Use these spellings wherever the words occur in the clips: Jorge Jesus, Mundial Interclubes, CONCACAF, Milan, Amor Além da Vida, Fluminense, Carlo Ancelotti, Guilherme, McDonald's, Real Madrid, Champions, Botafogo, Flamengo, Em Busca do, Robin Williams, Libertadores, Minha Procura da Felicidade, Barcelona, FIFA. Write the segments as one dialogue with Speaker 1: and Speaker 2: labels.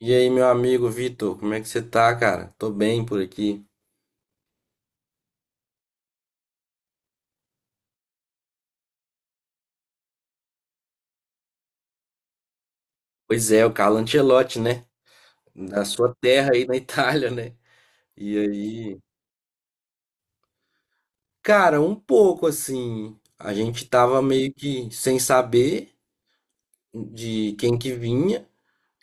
Speaker 1: E aí, meu amigo Vitor, como é que você tá, cara? Tô bem por aqui. Pois é, o Carlo Ancelotti, né? Da sua terra aí na Itália, né? E aí, cara, um pouco assim, a gente tava meio que sem saber de quem que vinha,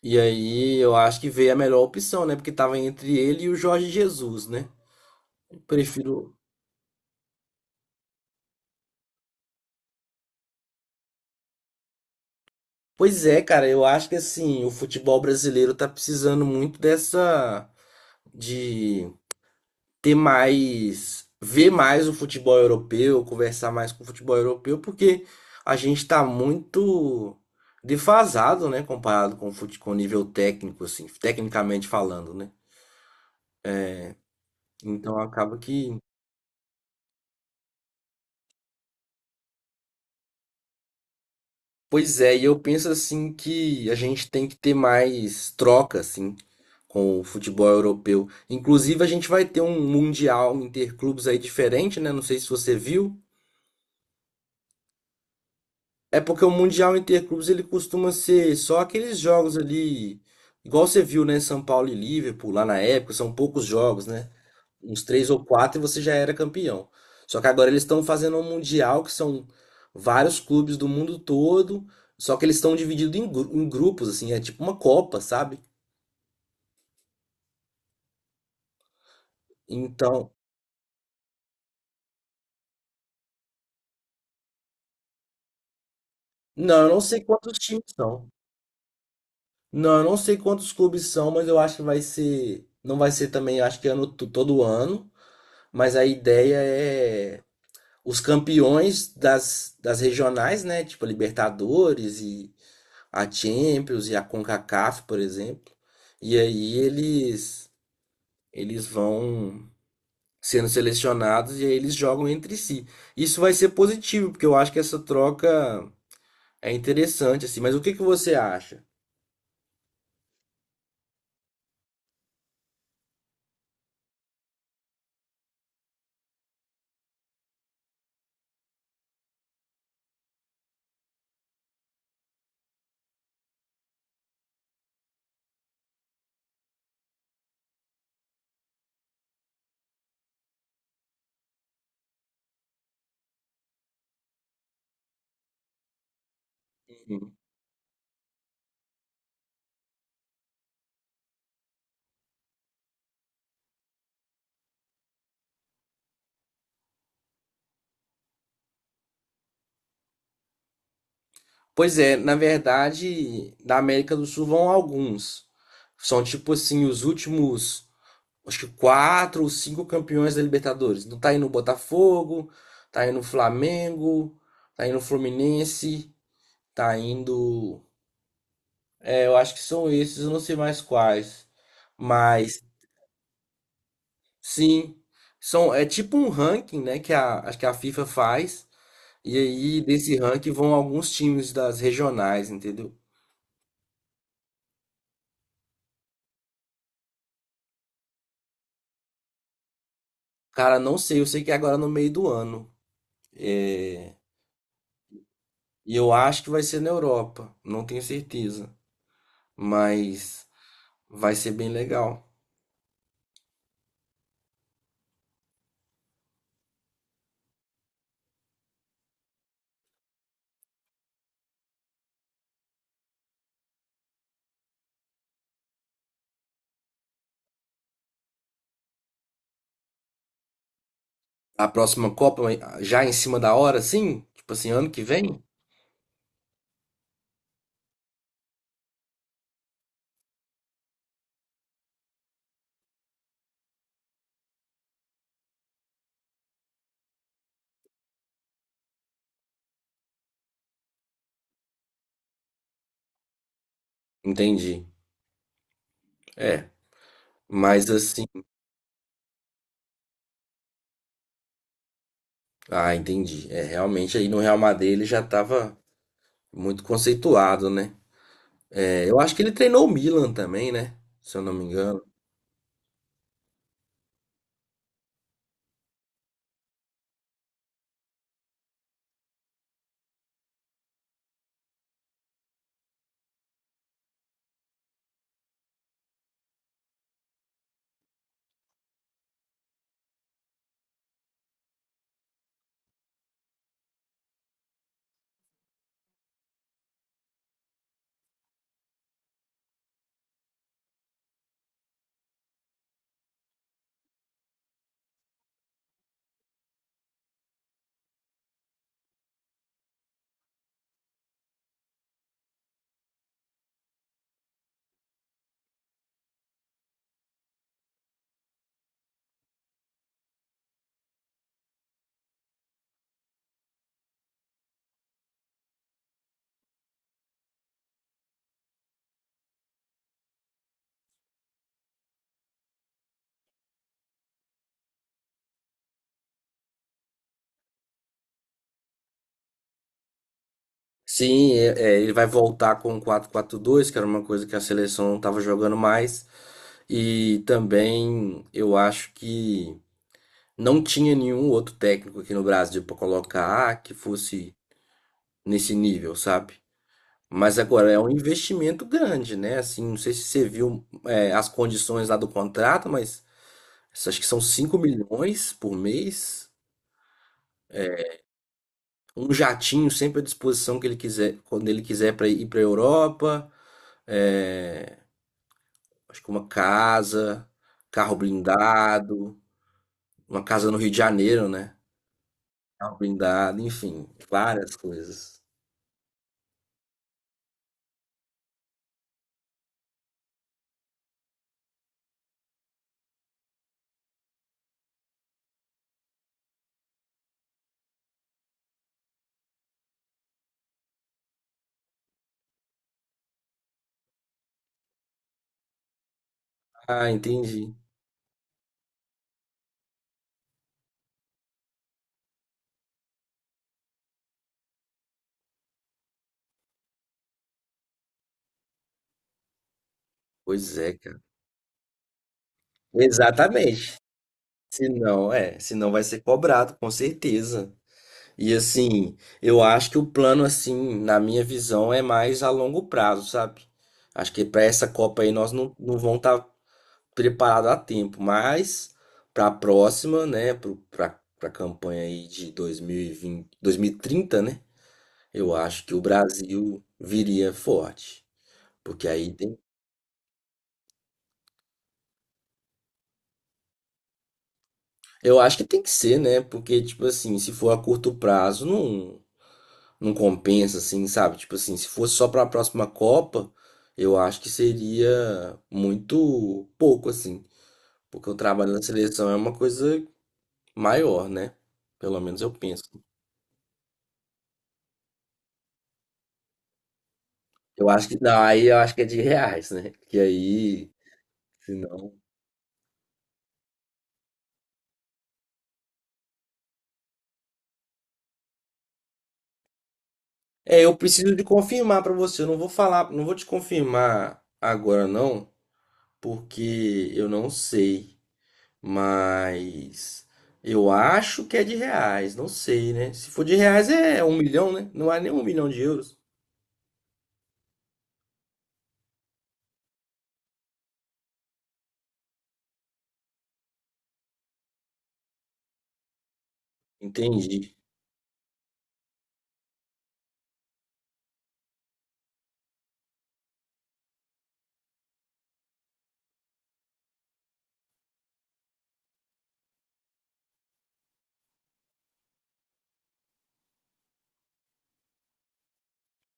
Speaker 1: e aí eu acho que veio a melhor opção, né? Porque tava entre ele e o Jorge Jesus, né? Prefiro. Pois é, cara, eu acho que assim, o futebol brasileiro tá precisando muito dessa de ter mais, ver mais o futebol europeu, conversar mais com o futebol europeu, porque a gente está muito defasado, né, comparado com o com o nível técnico, assim, tecnicamente falando, né? Então acaba que, pois é, e eu penso assim que a gente tem que ter mais troca, assim, com o futebol europeu. Inclusive a gente vai ter um mundial interclubes aí diferente, né? Não sei se você viu. É porque o Mundial Interclubes ele costuma ser só aqueles jogos ali, igual você viu, né? São Paulo e Liverpool lá na época, são poucos jogos, né? Uns três ou quatro e você já era campeão. Só que agora eles estão fazendo um Mundial que são vários clubes do mundo todo, só que eles estão divididos em, em grupos, assim, é tipo uma Copa, sabe? Então, não, eu não sei quantos times são. Não, eu não sei quantos clubes são, mas eu acho que vai ser, não vai ser também, eu acho que ano, todo ano. Mas a ideia é os campeões das, das regionais, né? Tipo a Libertadores e a Champions e a CONCACAF, por exemplo. E aí eles vão sendo selecionados e aí eles jogam entre si. Isso vai ser positivo, porque eu acho que essa troca é interessante assim, mas o que que você acha? Uhum. Pois é, na verdade, da América do Sul vão alguns. São tipo assim os últimos, acho que quatro ou cinco campeões da Libertadores. Não tá aí no Botafogo, tá aí no Flamengo, tá aí no Fluminense, tá indo. É, eu acho que são esses, eu não sei mais quais. Mas sim, são é tipo um ranking, né, que a acho que a FIFA faz. E aí desse ranking vão alguns times das regionais, entendeu? Cara, não sei, eu sei que é agora no meio do ano. É, e eu acho que vai ser na Europa, não tenho certeza. Mas vai ser bem legal. A próxima Copa, ah, já em cima da hora, sim? Tipo assim, ano que vem? Entendi. É, mas assim, ah, entendi. É, realmente aí no Real Madrid ele já tava muito conceituado, né? É, eu acho que ele treinou o Milan também, né? Se eu não me engano. Sim, é, ele vai voltar com o quatro 4 2, que era uma coisa que a seleção não tava jogando mais. E também eu acho que não tinha nenhum outro técnico aqui no Brasil para colocar, ah, que fosse nesse nível, sabe? Mas agora é um investimento grande, né? Assim, não sei se você viu, é, as condições lá do contrato, mas acho que são 5 milhões por mês. Um jatinho sempre à disposição que ele quiser, quando ele quiser, para ir para a Europa. É, acho que uma casa, carro blindado, uma casa no Rio de Janeiro, né? Carro blindado, enfim, várias coisas. Ah, entendi. Pois é, cara. Exatamente. Se não, é, se não vai ser cobrado, com certeza. E assim, eu acho que o plano, assim, na minha visão, é mais a longo prazo, sabe? Acho que para essa Copa aí nós não vamos estar preparados a tempo, mas para a próxima, né, para a campanha aí de 2020, 2030, né? Eu acho que o Brasil viria forte. Porque aí tem, eu acho que tem que ser, né? Porque tipo assim, se for a curto prazo, não compensa, assim, sabe? Tipo assim, se fosse só para a próxima Copa, eu acho que seria muito pouco, assim. Porque o trabalho da seleção é uma coisa maior, né? Pelo menos eu penso. Eu acho que não, aí eu acho que é de reais, né? Que aí, se não. É, eu preciso de confirmar pra você. Eu não vou falar, não vou te confirmar agora não, porque eu não sei. Mas eu acho que é de reais, não sei, né? Se for de reais é um milhão, né? Não é nem um milhão de euros. Entendi.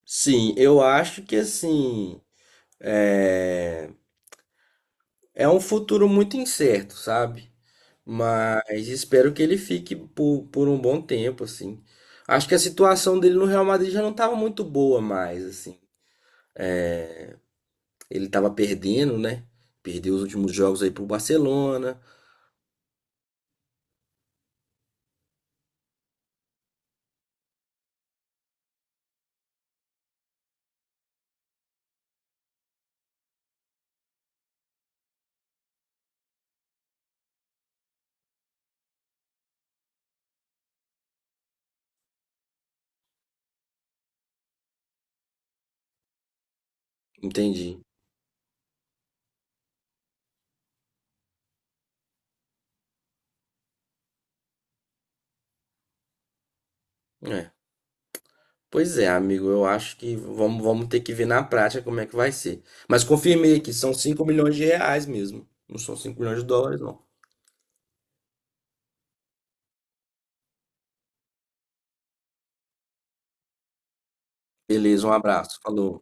Speaker 1: Sim, eu acho que assim é, é um futuro muito incerto, sabe? Mas espero que ele fique por um bom tempo, assim. Acho que a situação dele no Real Madrid já não estava muito boa mais, assim. Ele estava perdendo, né? Perdeu os últimos jogos aí pro Barcelona. Entendi. É. Pois é, amigo, eu acho que vamos ter que ver na prática como é que vai ser. Mas confirmei que são R$ 5 milhões mesmo. Não são US$ 5 milhões, não. Beleza, um abraço. Falou.